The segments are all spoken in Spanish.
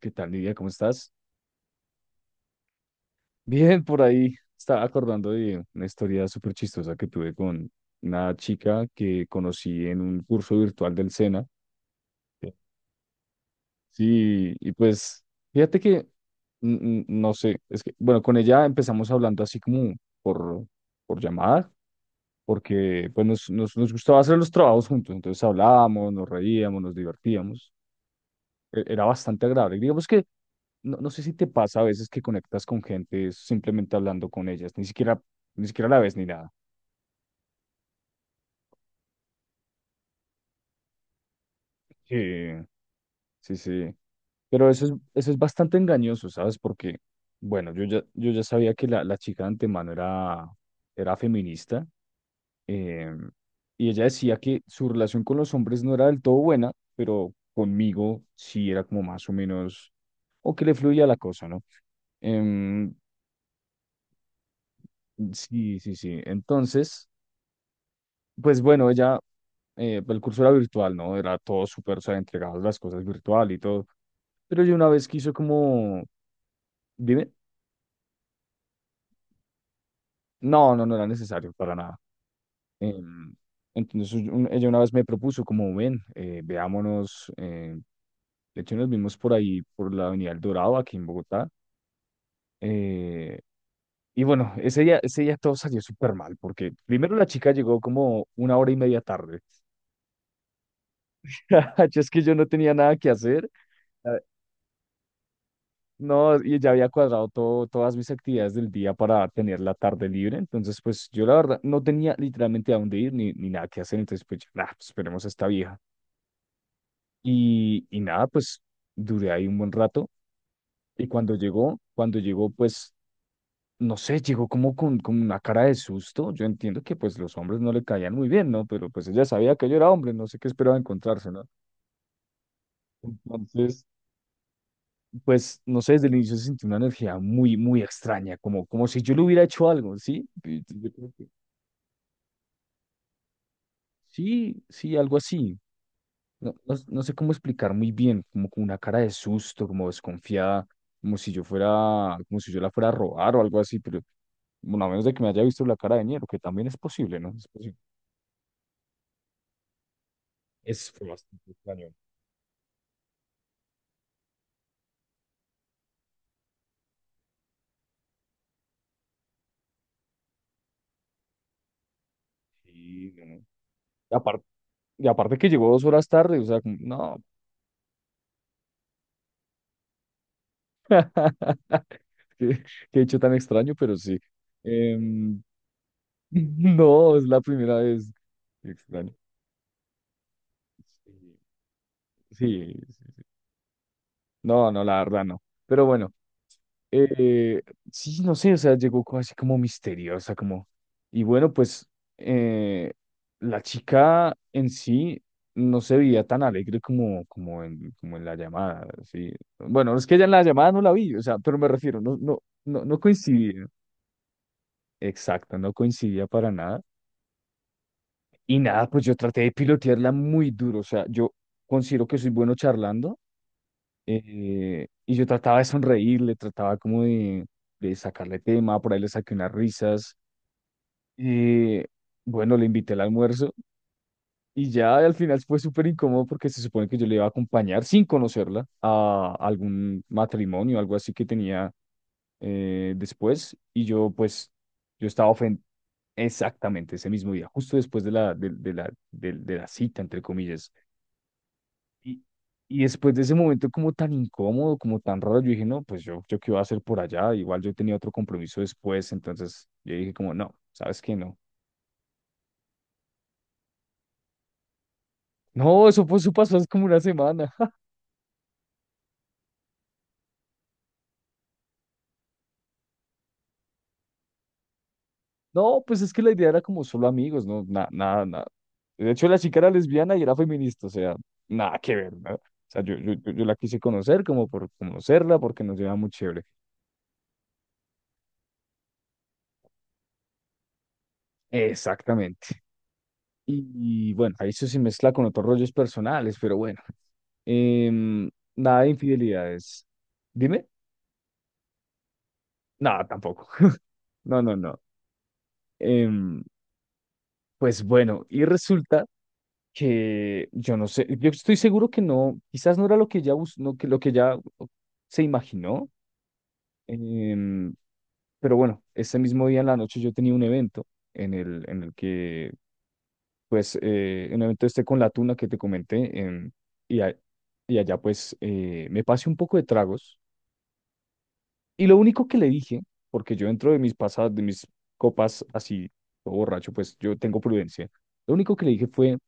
¿Qué tal, Lidia? ¿Cómo estás? Bien, por ahí estaba acordando de una historia súper chistosa que tuve con una chica que conocí en un curso virtual del SENA. Sí. Sí, y pues fíjate que, no sé, es que, bueno, con ella empezamos hablando así como por, por llamada, porque pues nos gustaba hacer los trabajos juntos, entonces hablábamos, nos reíamos, nos divertíamos, era bastante agradable. Digamos que no, no sé si te pasa a veces que conectas con gente es simplemente hablando con ellas, ni siquiera la ves ni nada. Sí, sí, sí. Pero eso es bastante engañoso, ¿sabes? Porque, bueno, yo ya sabía que la chica de antemano era, era feminista, eh, y ella decía que su relación con los hombres no era del todo buena, pero conmigo sí era como más o menos, o que le fluía la cosa, ¿no? Em, sí, sí, sí. Entonces, pues bueno, pues el curso era virtual, ¿no? Era todo súper, o sea, entregadas las cosas virtual y todo. Pero yo una vez quiso como, dime, no, no, no era necesario para nada. Em, ella una vez me propuso como, ven, veámonos, de hecho nos vimos por ahí, por la Avenida El Dorado, aquí en Bogotá. eh, y bueno, ese día todo salió súper mal, porque primero la chica llegó como una hora y media tarde. Yo es que yo no tenía nada que hacer. No, y ya había cuadrado todo, todas mis actividades del día para tener la tarde libre. Entonces, pues yo la verdad no tenía literalmente a dónde ir ni nada que hacer. Entonces, pues, yo, nah, pues, esperemos a esta vieja. Y nada, pues duré ahí un buen rato. Y cuando llegó, pues, no sé, llegó como con una cara de susto. Yo entiendo que pues los hombres no le caían muy bien, ¿no? Pero pues ella sabía que yo era hombre, no sé qué esperaba encontrarse, ¿no? Entonces, pues, no sé, desde el inicio se sintió una energía muy extraña, como si yo le hubiera hecho algo, ¿sí? Y yo creo que... Sí, sí, algo así. No, no, no sé cómo explicar muy bien, como con una cara de susto, como desconfiada, como si yo fuera, como si yo la fuera a robar o algo así, pero bueno, a menos de que me haya visto la cara de Niero, que también es posible, ¿no? Es posible. Es fue bastante extraño. Sí, no, no. Y aparte, y aparte que llegó dos horas tarde, o sea, como, no. Qué, qué hecho tan extraño, pero sí. Em, no, es la primera vez. Qué extraño. Sí, sí, sí, sí. No, no, la verdad no. Pero bueno, eh, sí, no sé, o sea, así como misteriosa, como... Y bueno, pues eh, la chica en sí no se veía tan alegre como, como en, como en la llamada, sí. Bueno, es que ella en la llamada no la vi, o sea, pero me refiero, no, no, no, no coincidí. Exacto, no coincidía para nada. Y nada, pues yo traté de pilotearla muy duro. O sea, yo considero que soy bueno charlando, y yo trataba de sonreírle, trataba como de sacarle tema, por ahí le saqué unas risas. eh, bueno, le invité al almuerzo y ya al final fue súper incómodo porque se supone que yo le iba a acompañar sin conocerla a algún matrimonio, algo así que tenía, después. Y yo pues, yo estaba ofendido. Exactamente, ese mismo día, justo después de la, del- de la cita, entre comillas. Y, y después de ese momento como tan incómodo, como tan raro, yo dije, no, pues yo qué iba a hacer por allá, igual yo tenía otro compromiso después, entonces yo dije como, no, ¿sabes qué? No. No, eso, pues, eso pasó hace como una semana. No, pues es que la idea era como solo amigos, no, nada, nada, nada. De hecho, la chica era lesbiana y era feminista, o sea, nada que ver, ¿no? O sea, yo la quise conocer como por conocerla, porque nos llevaba muy chévere. Exactamente. Y bueno, ahí eso se mezcla con otros rollos personales, pero bueno. Em, nada de infidelidades. Dime. No, tampoco. No, no, no. Em, pues bueno, y resulta que yo no sé, yo estoy seguro que no, quizás no era lo que ya, bus- no, que, lo que ya se imaginó. em, pero bueno, ese mismo día en la noche yo tenía un evento en en el que pues en un evento este con la tuna que te comenté, y, a- y allá pues me pasé un poco de tragos y lo único que le dije, porque yo dentro de mis pasadas, de mis copas así, todo borracho, pues yo tengo prudencia, lo único que le dije fue,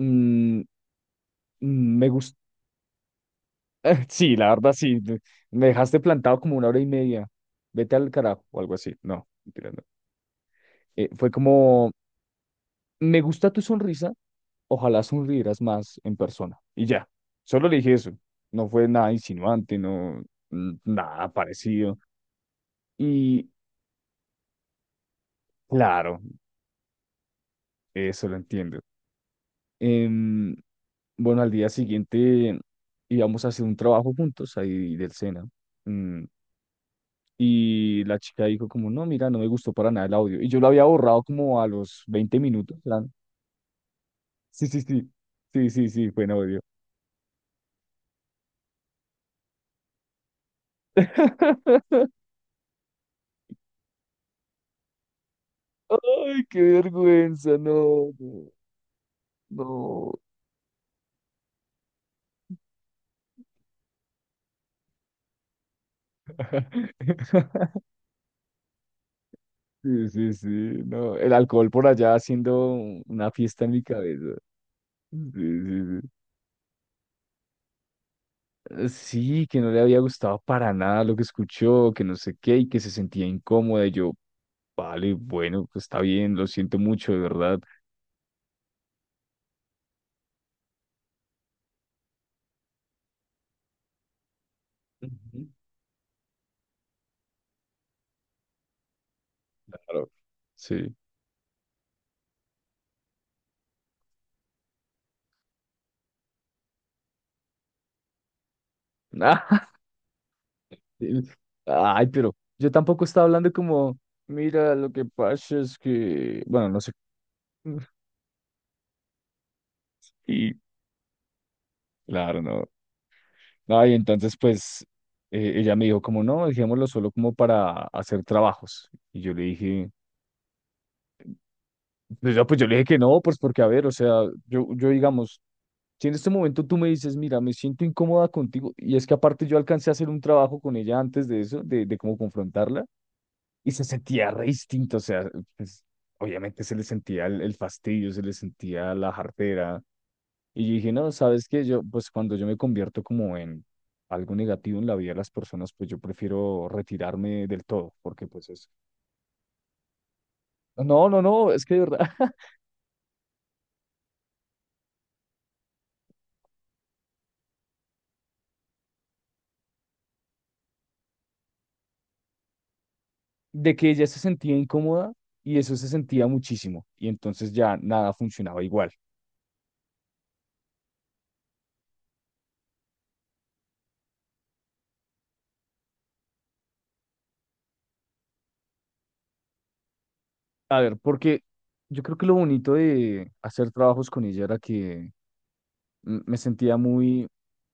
"Mm, me gusta". Sí, la verdad sí, me dejaste plantado como una hora y media, vete al carajo o algo así, no, mentira, no. Fue como, me gusta tu sonrisa, ojalá sonrieras más en persona. Y ya, solo le dije eso. No fue nada insinuante, no, nada parecido. Y claro, eso lo entiendo. Em, bueno, al día siguiente íbamos a hacer un trabajo juntos ahí del SENA. Mm, y la chica dijo como, no, mira, no me gustó para nada el audio. Y yo lo había borrado como a los 20 minutos. Eran... Sí, sí, sí. Sí, sí, sí, fue en audio. Ay, qué vergüenza, no. No. No. Sí, sí, sí, no, el alcohol por allá haciendo una fiesta en mi cabeza. Sí, sí, sí. Sí, que no le había gustado para nada lo que escuchó, que no sé qué, y que se sentía incómoda. Y yo, vale, bueno, pues está bien, lo siento mucho, de verdad. Ujú. Claro, sí. Sí. Ay, pero yo tampoco estaba hablando como, mira, lo que pasa es que, bueno, no sé. Y claro, no. Ah, y entonces, pues, ella me dijo como, no, dejémoslo solo como para hacer trabajos. Y yo le dije, pues yo le dije que no, pues porque, a ver, o sea, yo digamos, si en este momento tú me dices, mira, me siento incómoda contigo, y es que aparte yo alcancé a hacer un trabajo con ella antes de eso, de cómo confrontarla, y se sentía re distinto, o sea, pues, obviamente se le sentía el fastidio, se le sentía la jartera. Y yo dije, no, sabes que yo, pues cuando yo me convierto como en algo negativo en la vida de las personas, pues yo prefiero retirarme del todo, porque pues es... No, no, no, es que de verdad, de que ella se sentía incómoda y eso se sentía muchísimo, y entonces ya nada funcionaba igual. A ver, porque yo creo que lo bonito de hacer trabajos con ella era que me sentía muy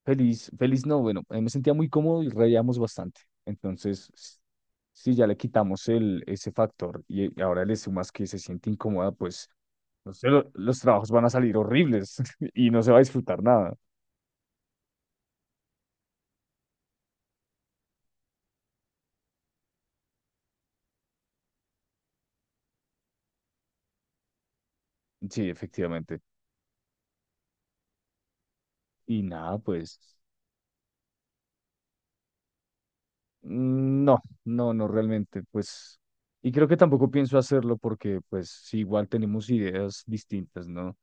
feliz, feliz no, bueno, me sentía muy cómodo y reíamos bastante. Entonces, si ya le quitamos ese factor y ahora le sumas que se siente incómoda, pues, no sé, los trabajos van a salir horribles y no se va a disfrutar nada. Sí, efectivamente. Y nada, pues, no, no, no realmente, pues, y creo que tampoco pienso hacerlo porque, pues, sí, igual tenemos ideas distintas, ¿no?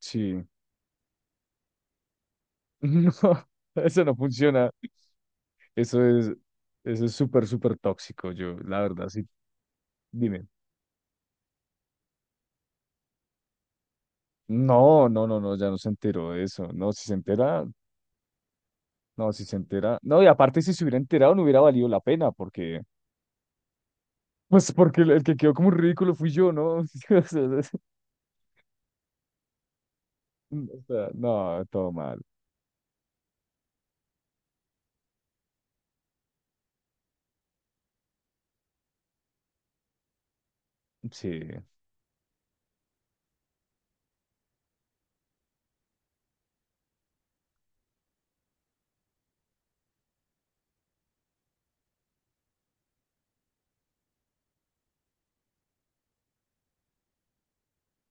Sí, no, eso no funciona. Eso es, eso es súper, súper tóxico, yo, la verdad, sí, dime. No, no, no, no, ya no se enteró de eso. No, si se entera, no, si se entera. No, y aparte si se hubiera enterado no hubiera valido la pena, porque, pues porque el que quedó como un ridículo fui yo, ¿no? O sea, no, todo mal. Sí,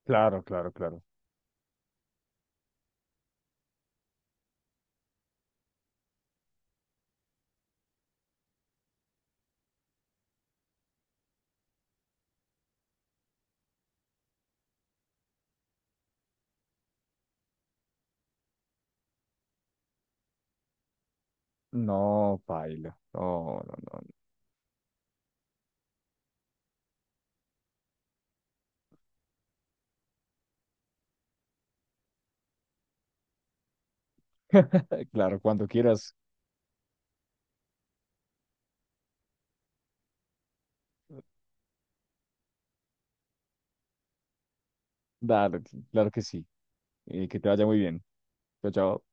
claro, claro, claro. No, paila. No, no, no. Claro, cuando quieras, dale, claro que sí. Y que te vaya muy bien. Chao, chao.